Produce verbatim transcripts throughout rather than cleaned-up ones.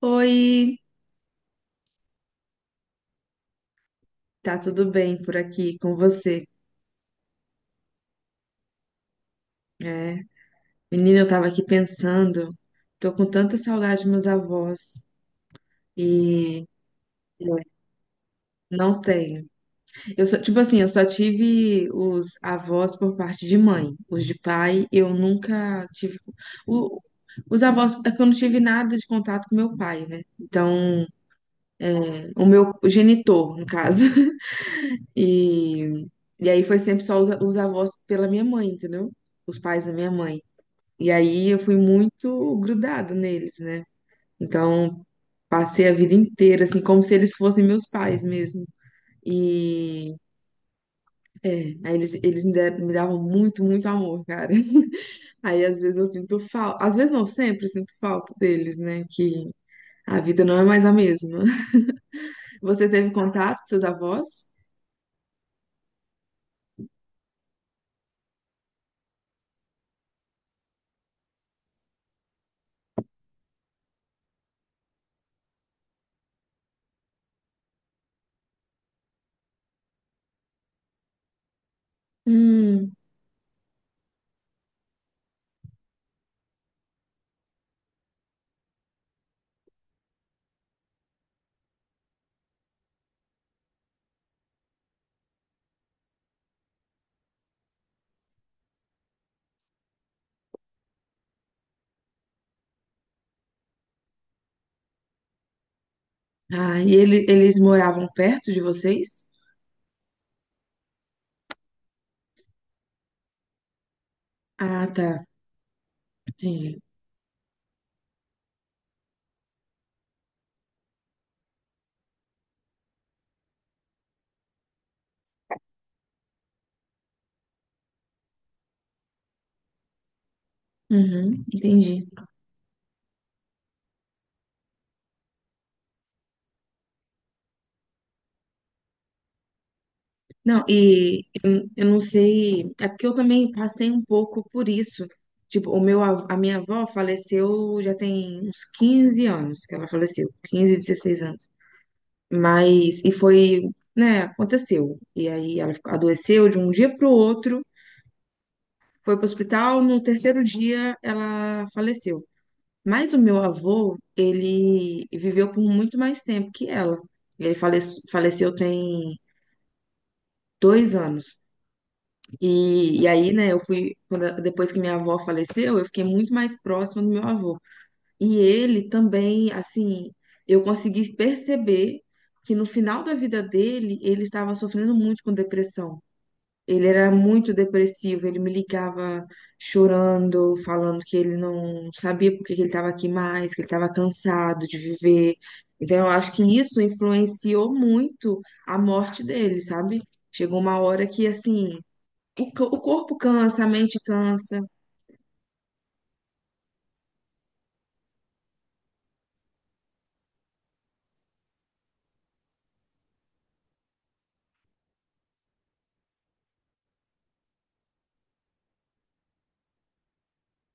Oi, tá tudo bem por aqui com você? É, menina, eu tava aqui pensando, tô com tanta saudade dos meus avós e não tenho. Eu só, tipo assim, eu só tive os avós por parte de mãe, os de pai eu nunca tive. o- os avós, é porque eu não tive nada de contato com meu pai, né? Então, o meu genitor, no caso. E, e aí foi sempre só os, os avós pela minha mãe, entendeu? Os pais da minha mãe. E aí eu fui muito grudada neles, né? Então passei a vida inteira, assim, como se eles fossem meus pais mesmo. E é, aí eles, eles me deram- me davam muito, muito amor, cara. Aí às vezes eu sinto falta, às vezes não, sempre eu sinto falta deles, né? Que a vida não é mais a mesma. Você teve contato com seus avós? Hum. Ah, e ele, eles moravam perto de vocês? Ah, tá. Entendi. Uhum, entendi. Não, e eu não sei, é porque eu também passei um pouco por isso. Tipo, o meu, av- a minha avó faleceu já tem uns quinze anos que ela faleceu, quinze, dezesseis anos. Mas, e foi, né, aconteceu. E aí ela ficou- adoeceu de um dia para o outro, foi para o hospital, no terceiro dia ela faleceu. Mas o meu avô, ele viveu por muito mais tempo que ela. Ele falece- faleceu tem dois anos. E, e aí, né, eu fui, quando- depois que minha avó faleceu, eu fiquei muito mais próxima do meu avô. E ele também, assim, eu consegui perceber que no final da vida dele, ele estava sofrendo muito com depressão. Ele era muito depressivo, ele me ligava chorando, falando que ele não sabia por que que ele estava aqui mais, que ele estava cansado de viver. Então, eu acho que isso influenciou muito a morte dele, sabe? Chegou uma hora que, assim, o, co- o corpo cansa, a mente cansa.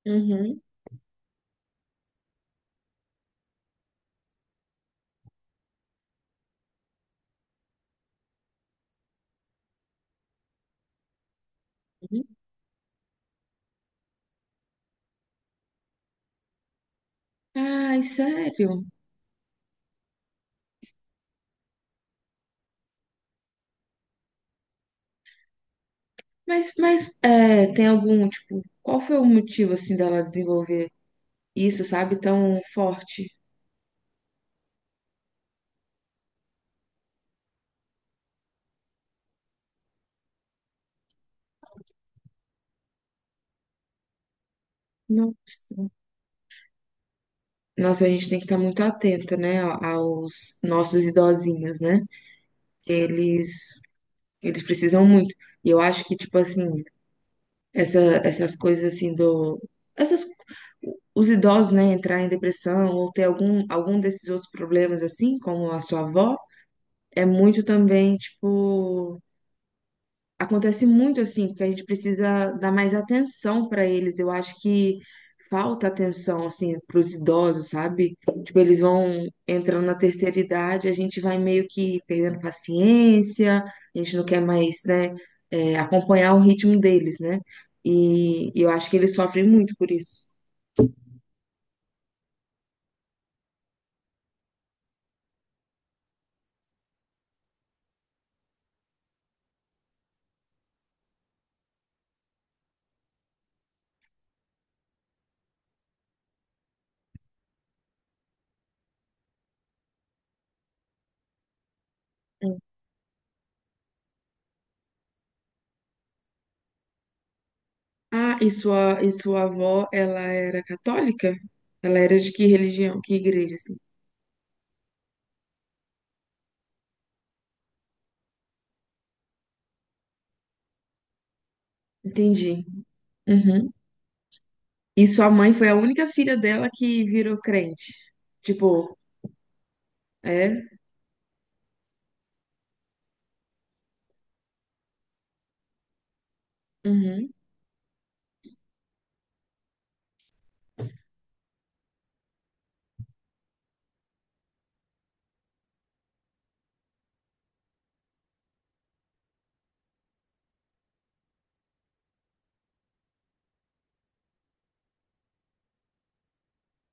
Uhum, uhum. Ai, sério? Mas, mas é, tem algum, tipo, qual foi o motivo, assim, dela desenvolver isso, sabe, tão forte? Nossa. Nossa, a gente tem que estar muito atenta, né, aos nossos idosinhos, né? Eles, eles precisam muito. E eu acho que, tipo assim, essa, essas coisas assim do... Essas, os idosos, né, entrar em depressão ou ter algum, algum desses outros problemas, assim, como a sua avó, é muito também, tipo, acontece muito assim, porque a gente precisa dar mais atenção pra eles. Eu acho que falta atenção assim pros idosos, sabe? Tipo, eles vão entrando na terceira idade, a gente vai meio que perdendo paciência, a gente não quer mais, né, é, acompanhar o ritmo deles, né? E, e eu acho que eles sofrem muito por isso. Hum. Ah, e sua, e sua avó, ela era católica? Ela era de que religião, que igreja, assim? Entendi. Uhum. E sua mãe foi a única filha dela que virou crente. Tipo, é? Uhum.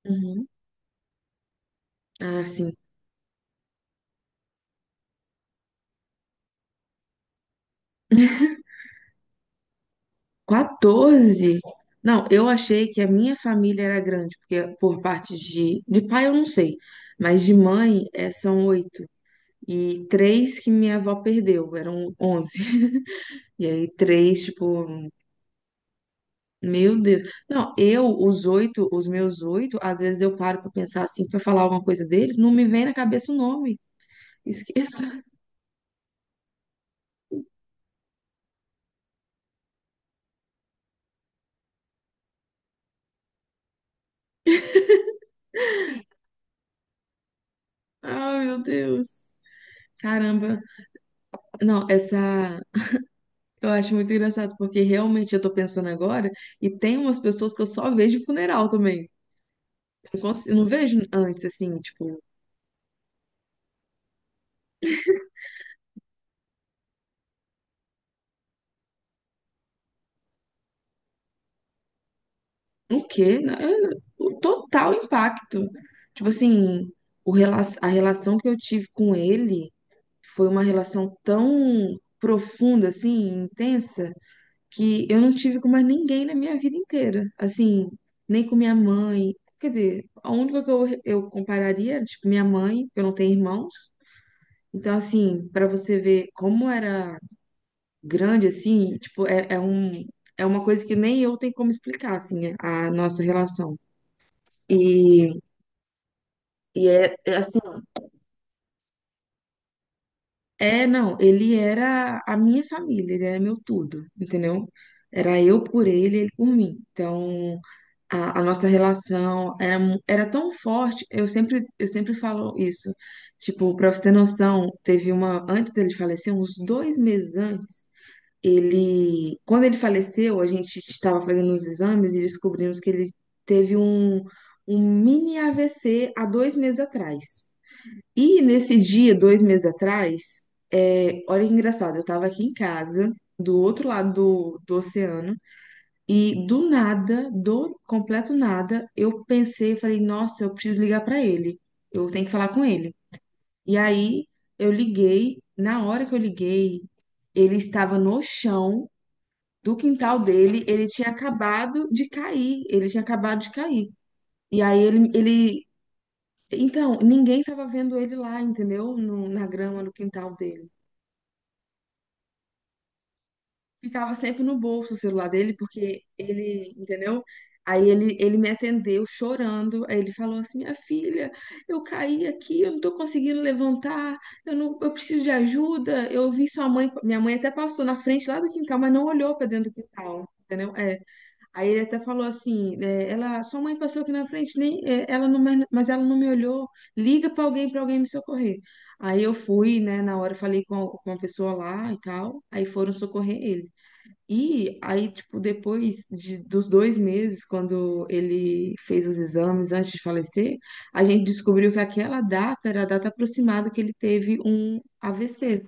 Uhum. Ah, sim. Quatorze? Não, eu achei que a minha família era grande, porque por parte de, de pai eu não sei, mas de mãe é, são oito. E três que minha avó perdeu, eram onze. E aí três, tipo, Meu Deus. Não, eu, os oito, os meus oito, às vezes eu paro pra pensar assim, pra falar alguma coisa deles, não me vem na cabeça o nome. Esqueço. Ai, meu Deus. Caramba. Não, essa. Eu acho muito engraçado, porque realmente eu tô pensando agora, e tem umas pessoas que eu só vejo em funeral também. Eu não, cons- eu não vejo antes, assim, tipo, o quê? Não, eu- o total impacto. Tipo assim, o, rela- a relação que eu tive com ele. Foi uma relação tão profunda, assim, intensa, que eu não tive com mais ninguém na minha vida inteira. Assim, nem com minha mãe. Quer dizer, a única que eu, eu compararia era, tipo, minha mãe, que eu não tenho irmãos. Então, assim, pra você ver como era grande, assim, tipo, é, é um, é uma coisa que nem eu tenho como explicar, assim, a nossa relação. E, e é, é assim, é, não, ele era a minha família, ele era meu tudo, entendeu? Era eu por ele, ele por mim. Então, a, a nossa relação era, mu- era tão forte, eu sempre, eu sempre falo isso. Tipo, pra você ter noção, teve uma, antes dele falecer, uns dois meses antes, ele, quando ele faleceu, a gente estava fazendo os exames e descobrimos que ele teve um, um mini A V C há dois meses atrás. E nesse dia, dois meses atrás, é, olha que engraçado, eu tava aqui em casa, do outro lado do, do oceano, e do nada, do completo nada, eu pensei, falei, nossa, eu preciso ligar pra ele, eu tenho que falar com ele. E aí eu liguei, na hora que eu liguei, ele estava no chão do quintal dele, ele tinha acabado de cair, ele tinha acabado de cair. E aí ele, ele então, ninguém tava vendo ele lá, entendeu? No- na grama, no quintal dele. Ficava sempre no bolso o celular dele, porque ele, entendeu? Aí ele, ele me atendeu chorando. Aí ele falou assim: Minha filha, eu caí aqui, eu não tô conseguindo levantar, eu não, eu preciso de ajuda. Eu vi sua mãe, minha mãe até passou na frente lá do quintal, mas não olhou pra dentro do quintal, entendeu? É, Aí ele até falou assim, é, ela, sua mãe passou aqui na frente, nem, é, ela não, me- mas ela não me olhou. Liga para alguém, para alguém me socorrer. Aí eu fui, né, na hora falei com, a- com uma pessoa lá e tal. Aí foram socorrer ele. E aí, tipo, depois de- dos dois meses, quando ele fez os exames antes de falecer, a gente descobriu que aquela data era a data aproximada que ele teve um A V C.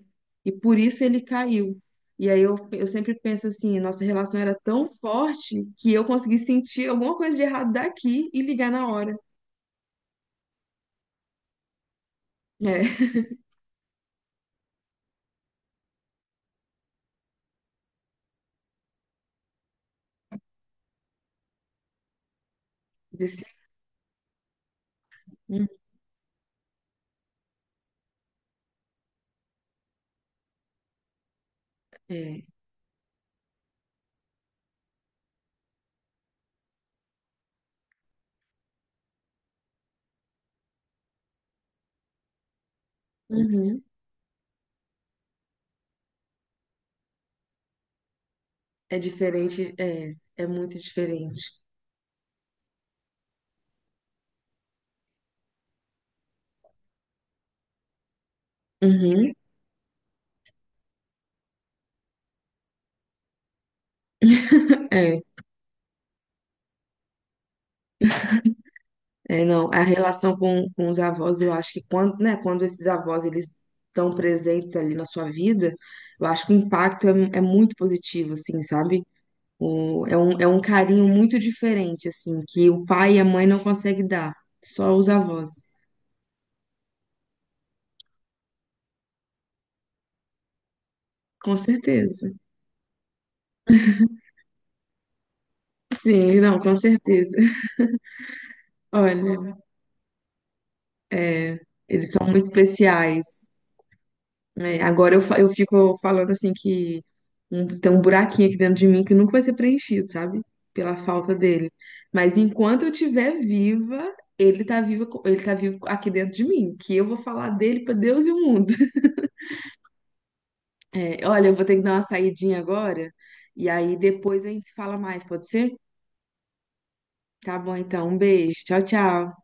E por isso ele caiu. E aí eu, eu sempre penso assim, nossa relação era tão forte que eu consegui sentir alguma coisa de errado daqui e ligar na hora. É, desse- hum, é, uhum. É diferente, é, é muito diferente. Uhum. É, não, a relação com, com os avós, eu acho que quando, né, quando esses avós eles estão presentes ali na sua vida, eu acho que o impacto é, é muito positivo, assim, sabe? O, é um, é um carinho muito diferente, assim, que o pai e a mãe não conseguem dar, só os avós. Com certeza. Sim, não, com certeza. Olha, é, eles são muito especiais. É, agora eu, fa- eu fico falando assim que um- tem um buraquinho aqui dentro de mim que nunca vai ser preenchido, sabe? Pela falta dele. Mas enquanto eu estiver viva, ele tá vivo, co- ele tá vivo aqui dentro de mim, que eu vou falar dele pra Deus e o mundo. É, olha, eu vou ter que dar uma saidinha agora, e aí depois a gente se fala mais, pode ser? Tá bom, então, um beijo. Tchau, tchau.